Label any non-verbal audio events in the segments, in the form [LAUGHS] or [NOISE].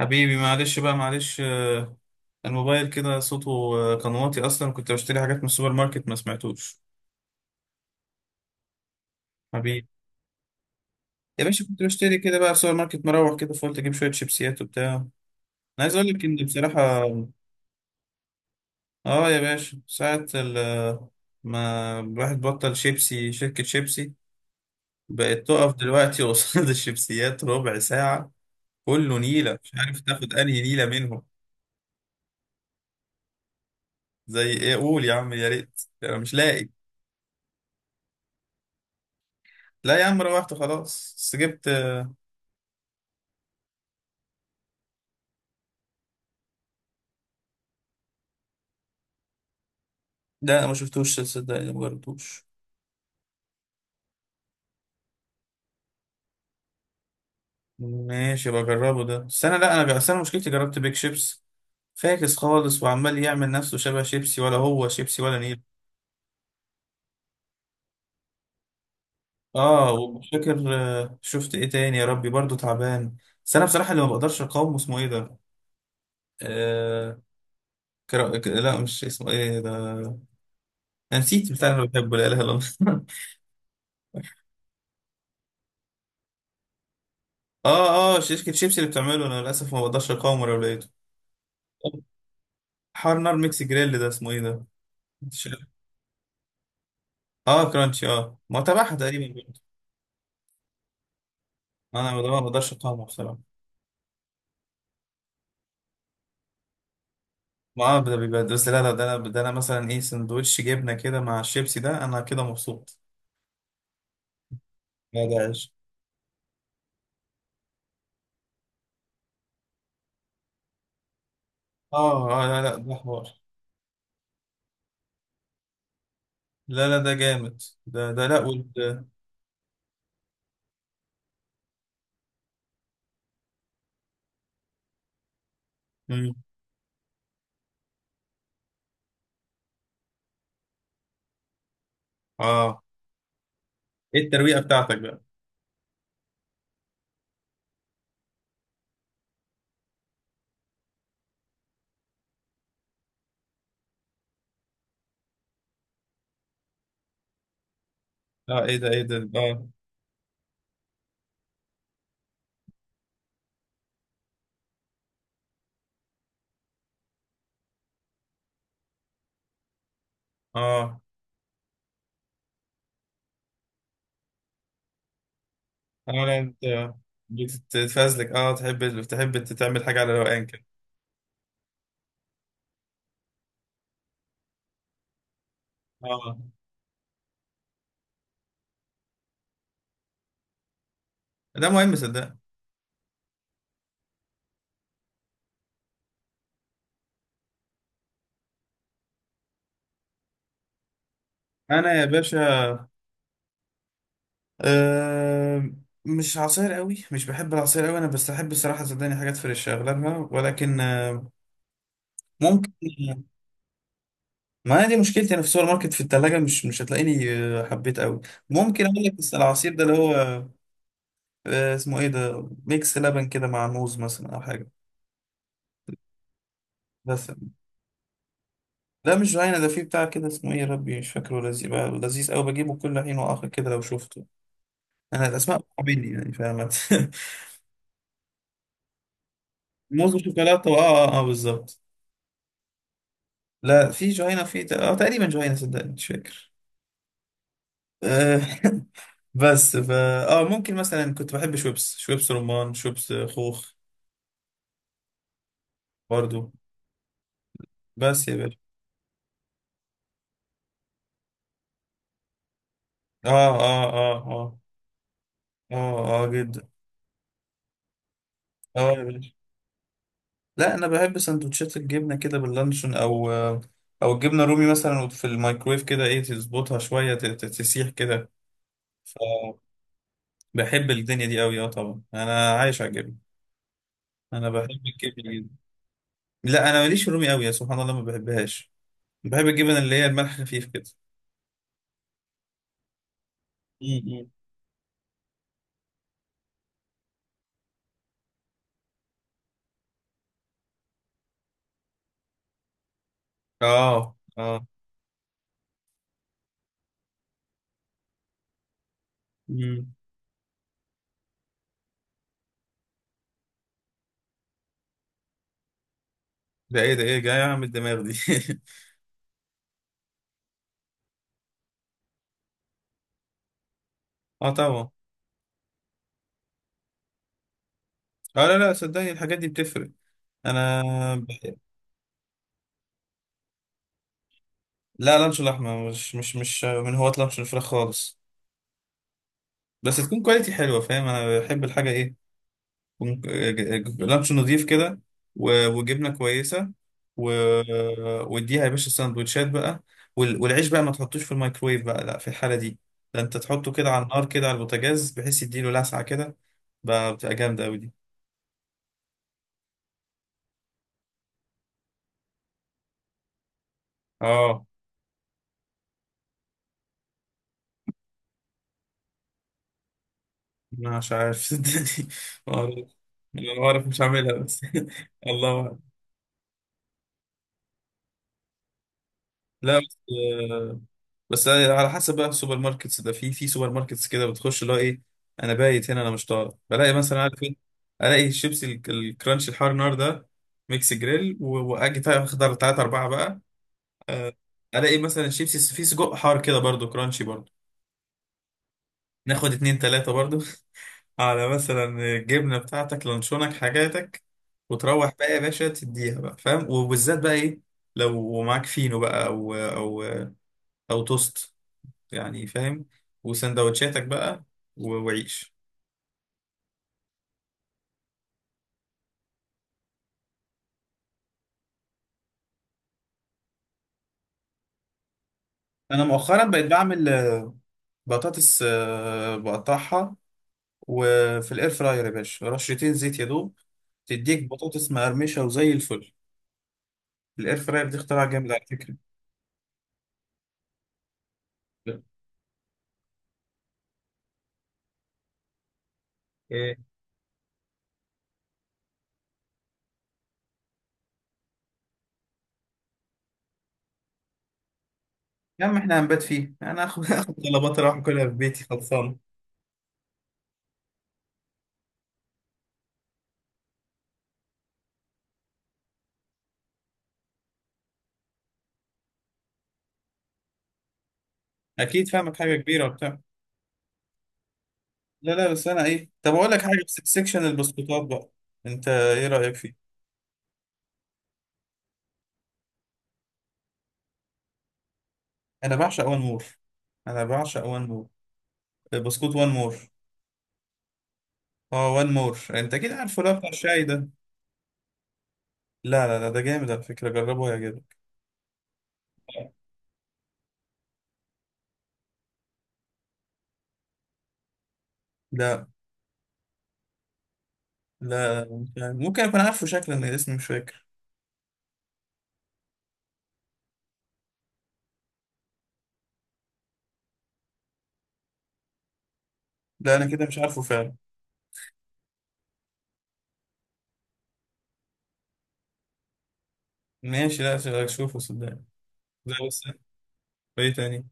حبيبي معلش بقى معلش الموبايل كده صوته كان واطي اصلا، كنت بشتري حاجات من السوبر ماركت ما سمعتوش. حبيبي، يا باشا كنت بشتري كده بقى في السوبر ماركت مروح كده، فقلت اجيب شويه شيبسيات وبتاع. انا عايز اقول لك ان بصراحه اه يا باشا ساعه ما الواحد بطل شيبسي، شركه شيبسي بقت تقف دلوقتي [LAUGHS] قصاد الشيبسيات ربع ساعه، كله نيله، مش عارف تاخد انهي نيله منهم. زي ايه؟ قول يا عم، يا ريت، انا مش لاقي. لا يا عم، روحت خلاص بس جبت. ده انا ما شفتوش صدقني، ما جربتوش. ماشي بجربه ده، بس انا لا انا جا- أصل انا مشكلتي جربت بيك شيبس فاكس خالص، وعمال يعمل نفسه شبه شيبسي، ولا هو شيبسي ولا نيل. اه ومش فاكر شفت ايه تاني يا ربي برضو تعبان. بس انا بصراحة اللي ما بقدرش اقاومه اسمه ايه ده؟ آه، لا، مش اسمه ايه ده، انا نسيت بتاع اللي بحبه، لا اله الا الله [LAUGHS] اه اه، شركة شيبسي اللي بتعمله انا للاسف ما بقدرش اقاومه لو لقيته. حار نار ميكس جريل، ده اسمه ايه ده؟ اه كرانشي، اه ما تبعها تقريبا برضه. انا ما بقدرش اقاومه بصراحه. ما ده بيبقى بس، لا ده انا، ده انا مثلا ايه، سندوتش جبنه كده مع الشيبسي، ده انا كده مبسوط. لا ده عيش. اه اه، لا لا ده حوار. لا لا ده جامد، ده ده لا وال. مم. اه، ايه الترويقه بتاعتك بقى؟ اه ايه ده، ايه ده، اه اه، انا لا، انت بتتفازلك، اه، تحب تعمل حاجه على روقان كده. اه، ده مهم صدق. انا يا باشا، أه، مش عصير قوي، مش بحب العصير قوي انا، بس احب الصراحه صدقني حاجات فريش اغلبها، ولكن ممكن. ما أنا دي مشكلتي، انا في السوبر ماركت في الثلاجه مش هتلاقيني حبيت قوي. ممكن اقول لك بس العصير ده اللي هو اسمه ايه ده، ميكس لبن كده مع موز مثلا او حاجه. بس ده مش جوانا، ده فيه بتاع كده، اسمه ايه يا ربي مش فاكره، لذيذ بقى، لذيذ قوي بجيبه كل حين واخر كده لو شفته. انا الاسماء بتقابلني يعني، فاهمة [LAUGHS] موز وشوكولاته، اه، اه, بالظبط. لا في جهينة، في اه تقريبا جهينة، صدقني مش فاكر. آه، [LAUGHS] بس فا اه، ممكن مثلا كنت بحب شويبس، شويبس رمان، شويبس خوخ برضو. بس يا باشا، اه اه اه اه، اه اه جدا. اه يا باشا، لا انا بحب سندوتشات الجبنه كده باللانشون او او الجبنه الرومي مثلا في الميكرويف كده، ايه تظبطها شويه تسيح كده، فبحب الدنيا دي قوي، اه طبعا انا عايش على الجبنه، انا بحب الجبنه جدا. لا انا ماليش في الرومي قوي، يا سبحان الله ما بحبهاش، بحب الجبن اللي هي الملح خفيف كده. م- اه اه. م- م. ده ايه ده، ايه جاي اعمل الدماغ دي؟ [LAUGHS] اه طبعا. اه لا لا، صدقني الحاجات دي بتفرق. انا ب... لا، لانش لحمه، مش من هواة لانش الفراخ خالص. بس تكون كواليتي حلوه، فاهم، انا بحب الحاجه ايه، ونج- لانش نضيف كده، و- وجبنه كويسه، و... واديها يا باشا سندوتشات بقى، والعيش بقى ما تحطوش في الميكرويف بقى، لا في الحاله دي ده انت تحطه كده على النار كده على البوتاجاز، بحيث يديله لسعه كده، بقى بتبقى جامده قوي دي. اه. أنا مش عارف [LAUGHS] صدقني، ما اعرف. انا ما اعرف، مش هعملها بس [LAUGHS] الله. لا بس آه، بس على حسب بقى السوبر ماركتس ده، في في سوبر ماركتس كده بتخش اللي هو ايه، انا بايت هنا، انا مش طالع، بلاقي مثلا، عارف ايه، الاقي الشيبسي الكرانش الحار نار ده، ميكس جريل، و- واجي اخد 3 أربعة بقى آه، الاقي مثلا الشيبسي فيه سجق حار كده برضو، كرانشي برضو، ناخد 2 3 برضو [LAUGHS] على مثلا الجبنة بتاعتك، لانشونك، حاجاتك، وتروح بقى يا باشا تديها بقى، فاهم، وبالذات بقى ايه، لو معاك فينو بقى او او توست، يعني فاهم، وسندوتشاتك بقى، و- وعيش. انا مؤخرا بقيت بعمل بطاطس، بقطعها وفي الاير فراير، يا باشا رشتين زيت يا دوب، تديك بطاطس مقرمشه وزي الفل. الاير فراير دي اختراع جامد على فكره. إيه. يا عم احنا هنبات فيه، انا اخد [LAUGHS] اخد طلبات اروح اكلها في بيتي خلصانه. اكيد فاهمك، حاجه كبيره وبتاع. لا لا، بس انا ايه، طب اقول لك حاجه بس- سكشن البسكوتات بقى، انت ايه رايك فيه؟ انا بعشق وان مور، انا بعشق وان مور، بسكوت وان مور. اه وان مور، انت اكيد عارفه اللي هو بتاع الشاي ده. لا لا لا، ده جامد على فكرة، جربه هيعجبك. لا لا مش عارف. ممكن اكون عارفه شكلا لان اسمي مش فاكر. لا انا كده مش عارفه فعلا. ماشي، لا اشوفه صدقني. لا بس، ايه تاني؟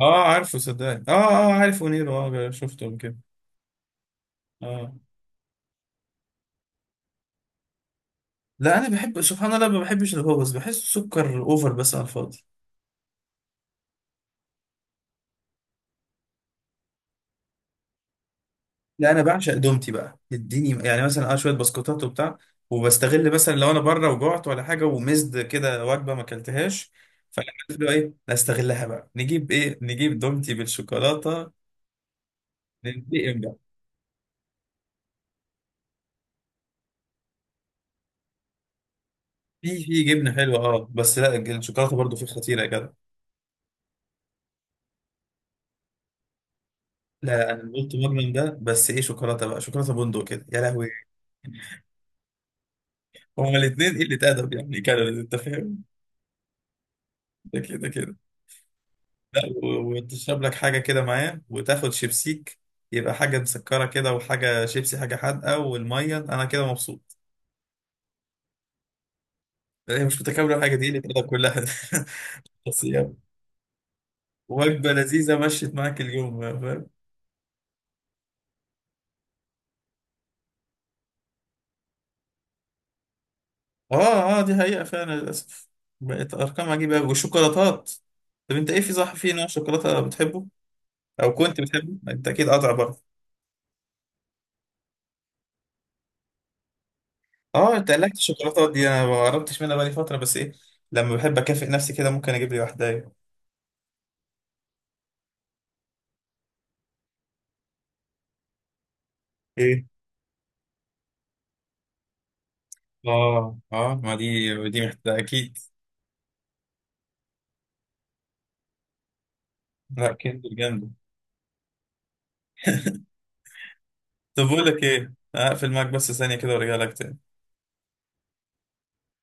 اه عارفه صدقني، اه اه عارف ونيرو، اه شفته قبل كده. اه. لا انا بحب، سبحان الله، ما بحبش الهوبس، بحس سكر اوفر، بس على الفاضي. لا انا بعشق دومتي بقى، اديني يعني مثلا اه شويه بسكوتات وبتاع، وبستغل مثلا لو انا بره وجعت ولا حاجه، ومزد كده، وجبه ما اكلتهاش، فعملت له ايه، لا استغلها بقى، نجيب ايه، نجيب دومتي بالشوكولاته، ننتقم بقى. في في جبنه حلوه اه، بس لا الشوكولاته برضو فيه خطيره يا جدع. لا لا، انا قلت مجرم ده، بس ايه شوكولاته بقى، شوكولاته بندق كده، يا لهوي. هما الاثنين قله ادب يعني، كانوا انت فاهم، ده كده كده. لا و- وتشرب لك حاجة كده معاه، وتاخد شيبسيك، يبقى حاجة مسكرة كده وحاجة شيبسي، حاجة حادقة والمية، أنا كده مبسوط. هي مش متكاملة الحاجة دي اللي كده كلها [LAUGHS] بس يلا، وجبة لذيذة مشيت معاك اليوم فاهم. اه اه، دي حقيقة فعلا للأسف، بقت أرقام عجيبة أوي، والشوكولاتات، طب أنت إيه، في صح، في نوع شوكولاتة بتحبه أو كنت بتحبه؟ أنت أكيد قاطع برضه. اه، أنت قلقت الشوكولاتات دي، أنا ما قربتش منها بقالي فترة، بس إيه، لما بحب أكافئ نفسي كده ممكن أجيب لي واحدة. أيوه. إيه؟ اه اه، ما دي دي محتاجة اكيد. لا كندر جامدة. طب بقول لك ايه، هقفل معاك بس ثانية كده وارجع لك تاني.